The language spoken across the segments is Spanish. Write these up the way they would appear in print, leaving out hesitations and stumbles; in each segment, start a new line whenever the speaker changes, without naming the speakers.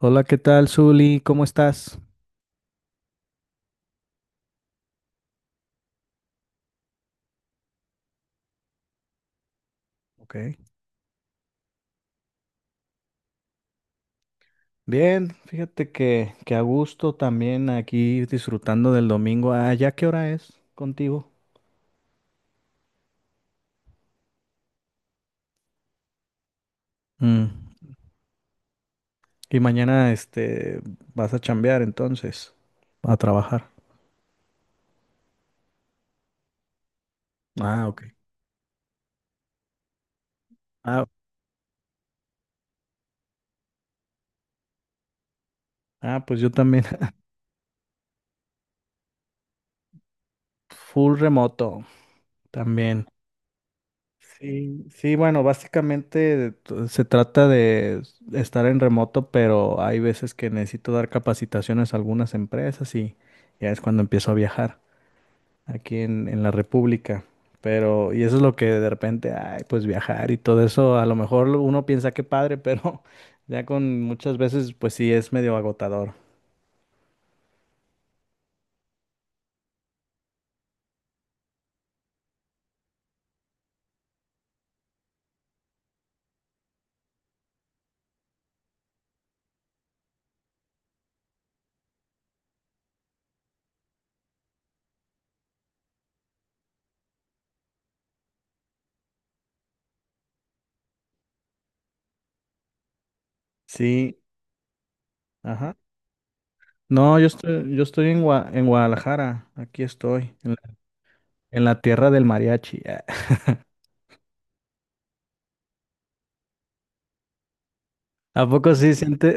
Hola, ¿qué tal, Zuli? ¿Cómo estás? Ok. Bien, fíjate que a gusto también aquí disfrutando del domingo. Ah, ¿ya qué hora es contigo? Mm. Y mañana vas a chambear entonces, a trabajar. Ah, ok. Ah, ah, pues yo también. Full remoto también. Sí, sí, bueno, básicamente se trata de estar en remoto, pero hay veces que necesito dar capacitaciones a algunas empresas y ya es cuando empiezo a viajar aquí en la República. Pero, y eso es lo que de repente, ay, pues viajar y todo eso, a lo mejor uno piensa que padre, pero ya con muchas veces, pues sí, es medio agotador. Sí, ajá. No, yo estoy en en Guadalajara, aquí estoy, en la tierra del mariachi. ¿A poco sí siente?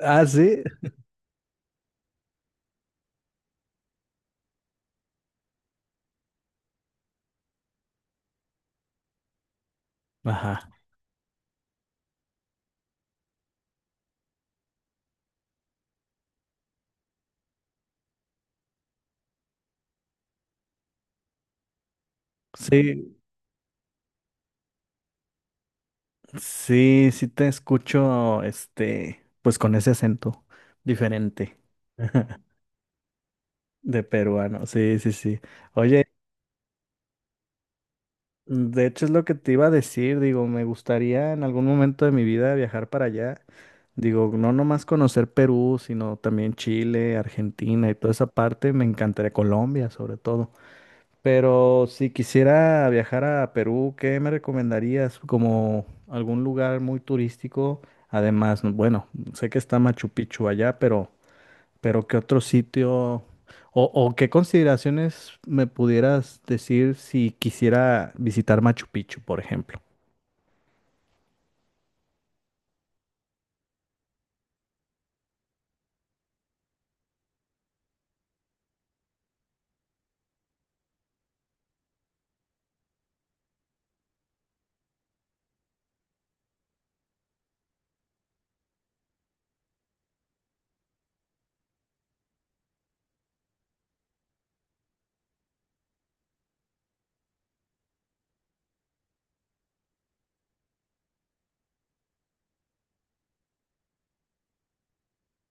Ah, sí. Ajá. Sí, sí, sí te escucho, pues con ese acento diferente de peruano. Sí, sí, sí. Oye, de hecho es lo que te iba a decir. Digo, me gustaría en algún momento de mi vida viajar para allá. Digo, no nomás conocer Perú, sino también Chile, Argentina y toda esa parte. Me encantaría Colombia, sobre todo. Pero si quisiera viajar a Perú, ¿qué me recomendarías como algún lugar muy turístico? Además, bueno, sé que está Machu Picchu allá, pero ¿qué otro sitio o qué consideraciones me pudieras decir si quisiera visitar Machu Picchu, por ejemplo?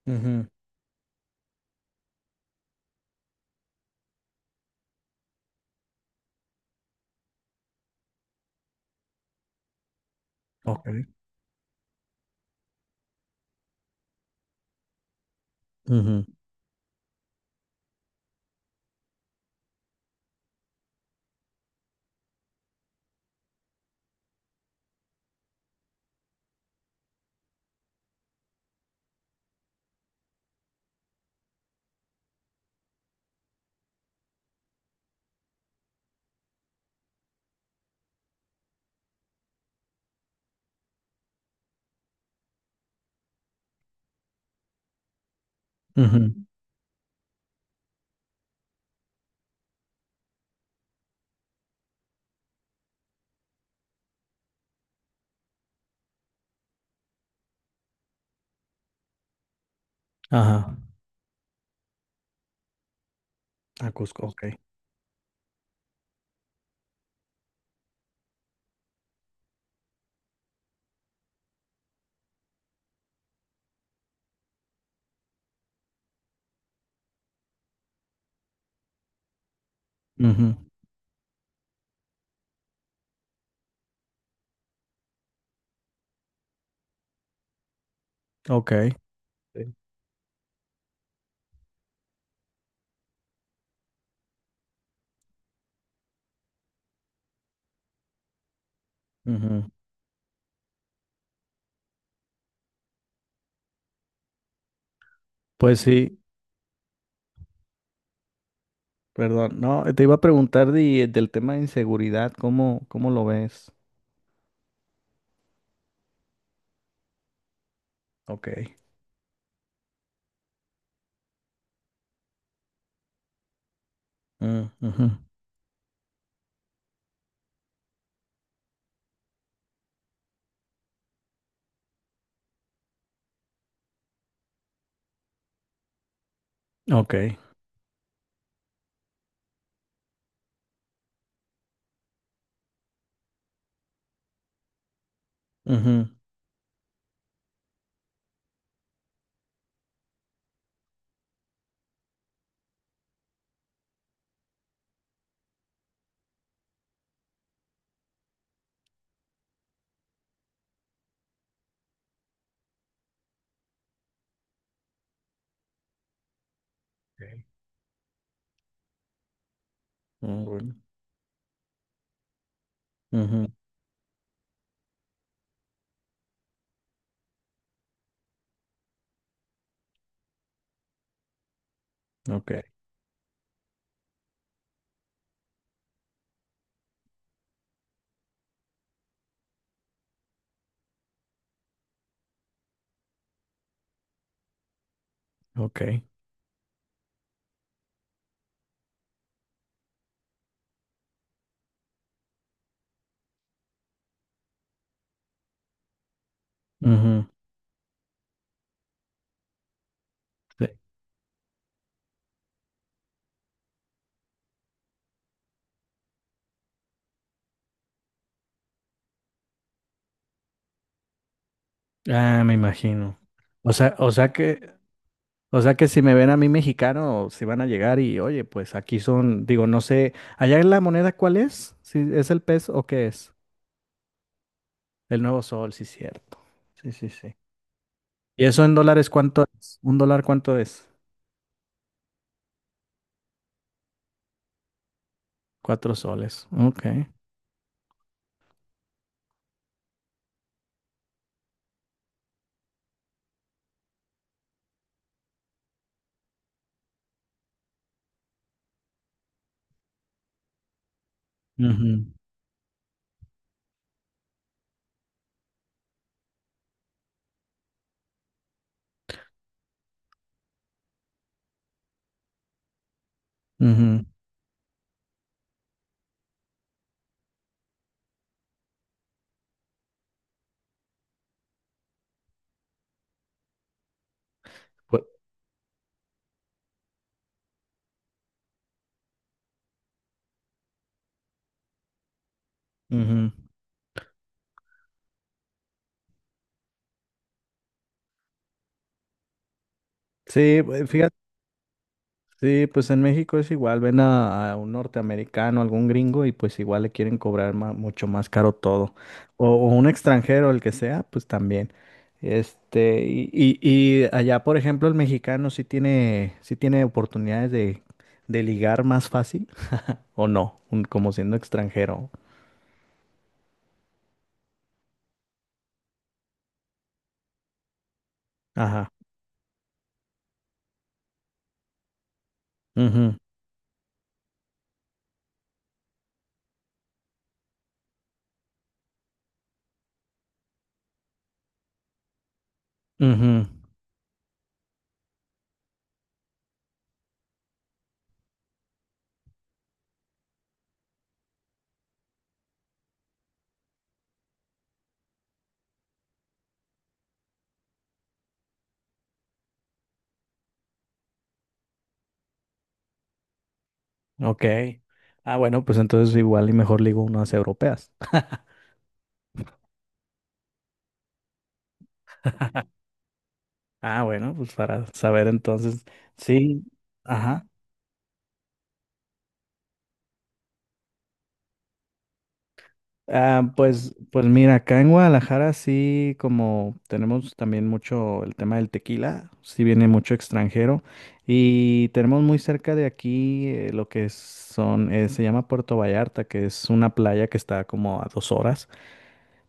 Ujú. Ok. Ujú, ujú. Ajá. A Cusco, ok. Ujú. Ok. Sí. Ujú. Pues sí. Perdón, no, te iba a preguntar del tema de inseguridad, ¿cómo lo ves? Ok. Mm, ujú. Ok. Ujú, ok, mm, bueno, ujú. Ok. Ok. Ujú, sí. Ah, me imagino. O sea, o sea que, o sea que si me ven a mí mexicano, si van a llegar y, oye, pues aquí son, digo, no sé, allá en la moneda, ¿cuál es? ¿Si es el peso o qué es? El nuevo sol, sí, cierto. Sí, sí, sí. ¿Y eso en dólares cuánto es? ¿Un dólar cuánto es? 4 soles. Ok. Ujú, ujú, pues, ujú. Sí, pues, fíjate, sí, pues en México es igual, ven a, un norteamericano, algún gringo y pues igual le quieren cobrar mucho más caro todo. O un extranjero, el que sea, pues también. Y allá, por ejemplo, el mexicano sí tiene oportunidades de ligar más fácil, o no, como siendo extranjero. Ajá. Ujú, ujú. Ok. Ah, bueno, pues entonces igual y mejor ligo unas europeas. Ah, bueno, pues para saber entonces, sí, ajá. Ah, pues mira, acá en Guadalajara sí, como tenemos también mucho el tema del tequila, sí viene mucho extranjero y tenemos muy cerca de aquí lo que son, se llama Puerto Vallarta, que es una playa que está como a 2 horas.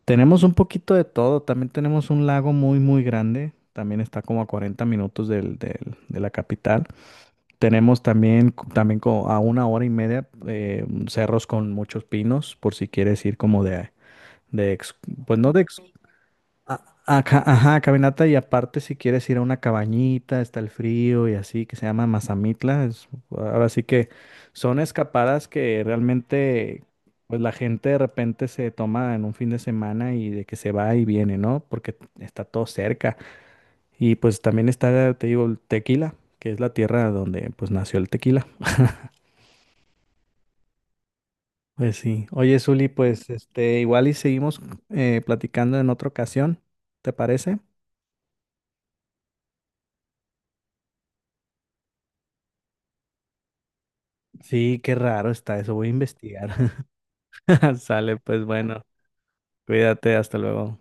Tenemos un poquito de todo, también tenemos un lago muy muy grande, también está como a 40 minutos de la capital. Tenemos también, a una hora y media cerros con muchos pinos, por si quieres ir como de. Pues no de. Ajá, ajá, caminata y aparte si quieres ir a una cabañita, está el frío y así, que se llama Mazamitla, ahora sí que son escapadas que realmente pues la gente de repente se toma en un fin de semana y de que se va y viene, ¿no? Porque está todo cerca. Y pues también está, te digo, el Tequila, que es la tierra donde pues nació el tequila. Pues sí. Oye, Zuli, pues igual y seguimos platicando en otra ocasión, ¿te parece? Sí, qué raro está eso, voy a investigar. Sale, pues bueno, cuídate, hasta luego.